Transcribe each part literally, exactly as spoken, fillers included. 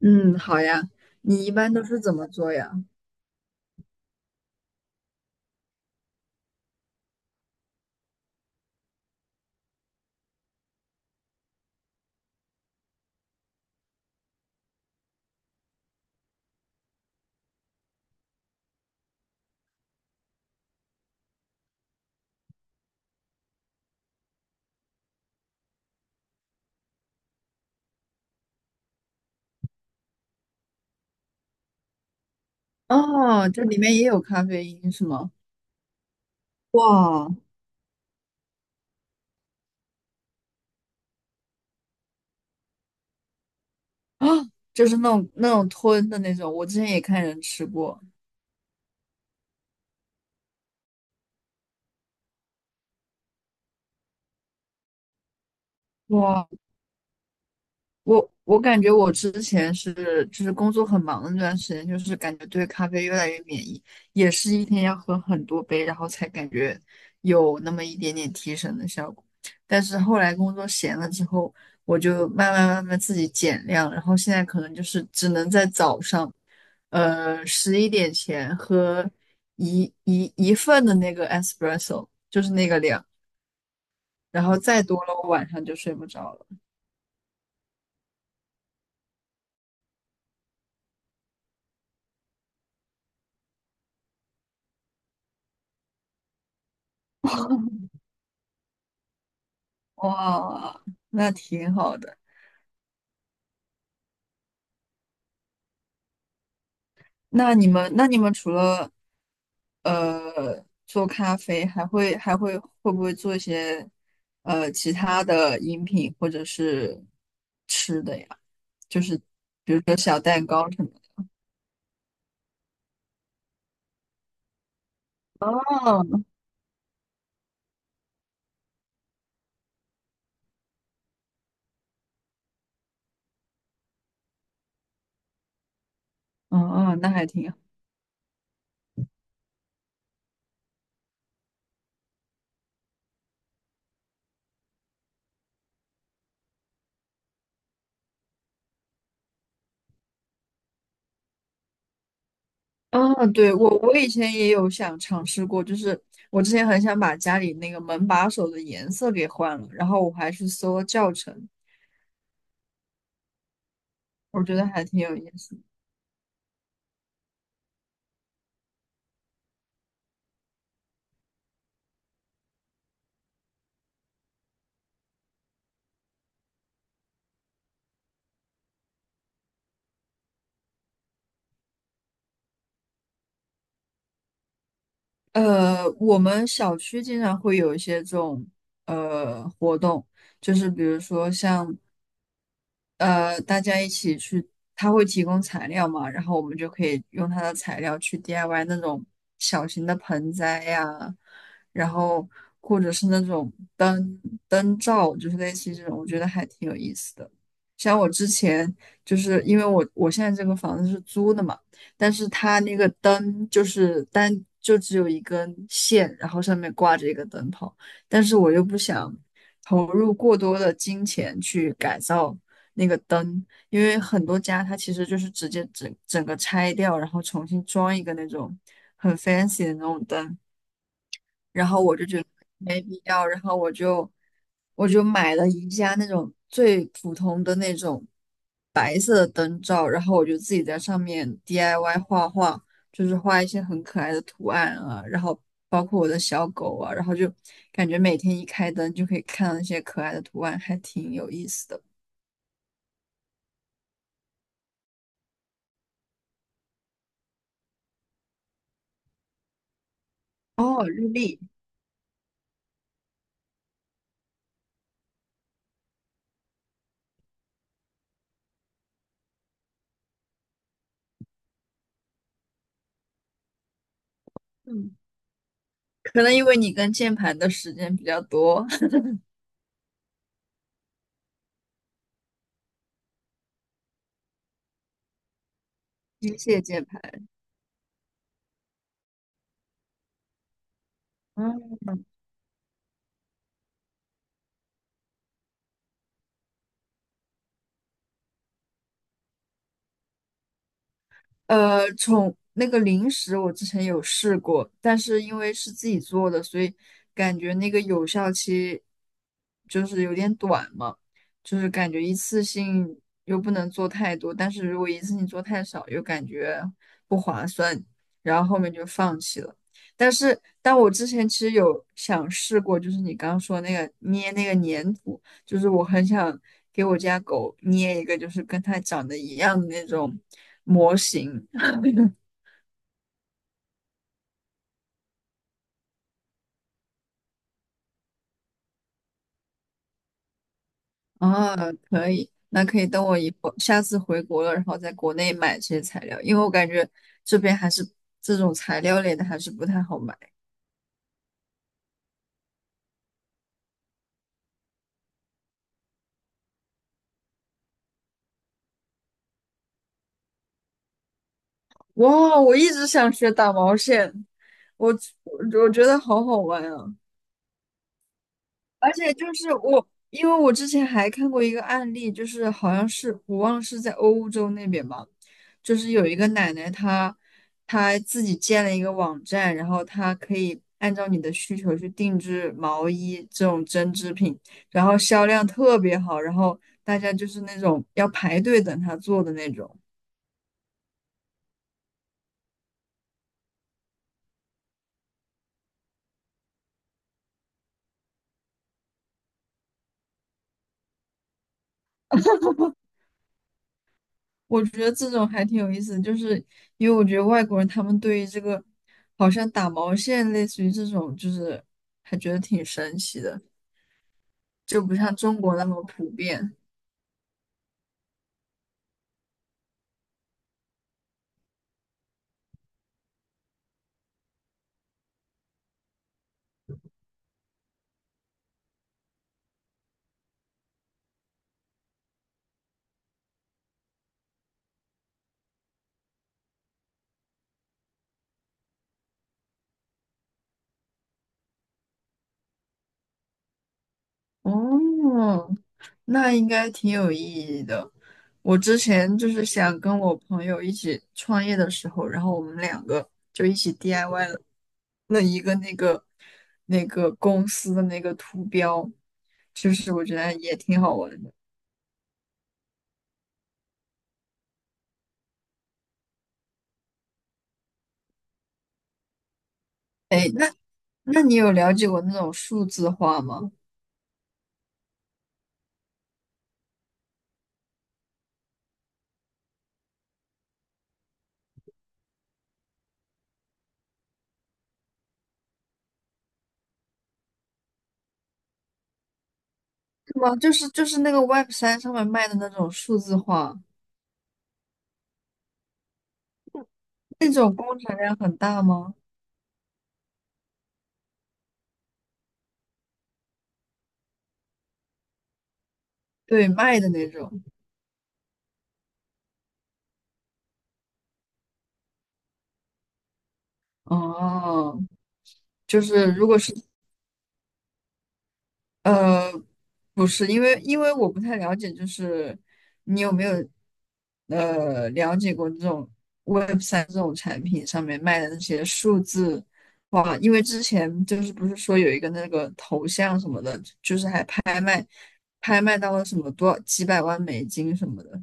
嗯，好呀。你一般都是怎么做呀？哦，这里面也有咖啡因是吗？哇，啊，就是那种那种吞的那种，我之前也看人吃过。哇。我我感觉我之前是就是工作很忙的那段时间，就是感觉对咖啡越来越免疫，也是一天要喝很多杯，然后才感觉有那么一点点提神的效果。但是后来工作闲了之后，我就慢慢慢慢自己减量，然后现在可能就是只能在早上，呃，十一点前喝一一一份的那个 espresso，就是那个量，然后再多了我晚上就睡不着了。哇，那挺好的。那你们，那你们除了呃做咖啡，还会还会会不会做一些呃其他的饮品或者是吃的呀？就是比如说小蛋糕什么的。哦，哦哦，那还挺好。啊，对，我我以前也有想尝试过，就是我之前很想把家里那个门把手的颜色给换了，然后我还去搜了教程，我觉得还挺有意思的。呃，我们小区经常会有一些这种呃活动，就是比如说像呃，大家一起去，他会提供材料嘛，然后我们就可以用他的材料去 D I Y 那种小型的盆栽呀，然后或者是那种灯灯罩，就是类似于这种，我觉得还挺有意思的。像我之前就是因为我我现在这个房子是租的嘛，但是它那个灯就是单就只有一根线，然后上面挂着一个灯泡，但是我又不想投入过多的金钱去改造那个灯，因为很多家它其实就是直接整整个拆掉，然后重新装一个那种很 fancy 的那种灯，然后我就觉得没必要，然后我就我就买了一家那种最普通的那种白色的灯罩，然后我就自己在上面 D I Y 画画，就是画一些很可爱的图案啊，然后包括我的小狗啊，然后就感觉每天一开灯就可以看到那些可爱的图案，还挺有意思的。哦，日历，嗯，可能因为你跟键盘的时间比较多，机械键盘。嗯。呃，从那个零食我之前有试过，但是因为是自己做的，所以感觉那个有效期就是有点短嘛，就是感觉一次性又不能做太多，但是如果一次性做太少，又感觉不划算，然后后面就放弃了。但是，但我之前其实有想试过，就是你刚刚说那个捏那个粘土。就是我很想给我家狗捏一个，就是跟它长得一样的那种模型啊，可以，那可以等我以后下次回国了，然后在国内买这些材料，因为我感觉这边还是这种材料类的还是不太好买。哇，我一直想学打毛线，我我我觉得好好玩啊！而且就是我，因为我之前还看过一个案例，就是好像是我忘了是在欧洲那边吧，就是有一个奶奶她她自己建了一个网站，然后她可以按照你的需求去定制毛衣这种针织品，然后销量特别好，然后大家就是那种要排队等她做的那种。我觉得这种还挺有意思的就是因为我觉得外国人他们对于这个好像打毛线，类似于这种，就是还觉得挺神奇的，就不像中国那么普遍。哦，那应该挺有意义的。我之前就是想跟我朋友一起创业的时候，然后我们两个就一起 D I Y 了了一个那个那个公司的那个图标，就是我觉得也挺好玩的。那你有了解过那种数字化吗？是吗？就是就是那个 Web 三上面卖的那种数字化，那种工程量很大吗？对，卖的那种。哦，就是如果是呃，不是，因为因为我不太了解，就是你有没有呃了解过这种 w e b 三这种产品上面卖的那些数字哇？因为之前就是不是说有一个那个头像什么的，就是还拍卖，拍卖到了什么多几百万美金什么的，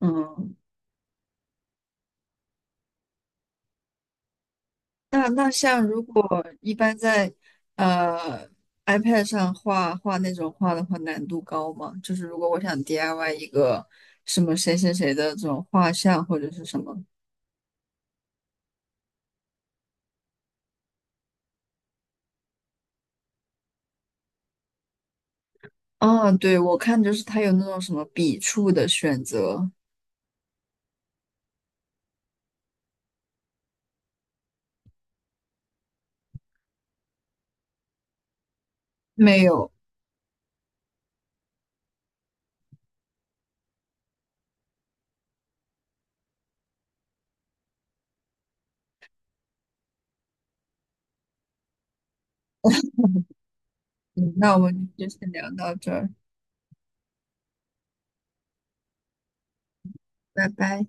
嗯。那那像如果一般在呃 iPad 上画画那种画的话，难度高吗？就是如果我想 D I Y 一个什么谁谁谁的这种画像或者是什么，啊，对，我看就是它有那种什么笔触的选择，没有。嗯，那我们就先聊到这儿，拜拜。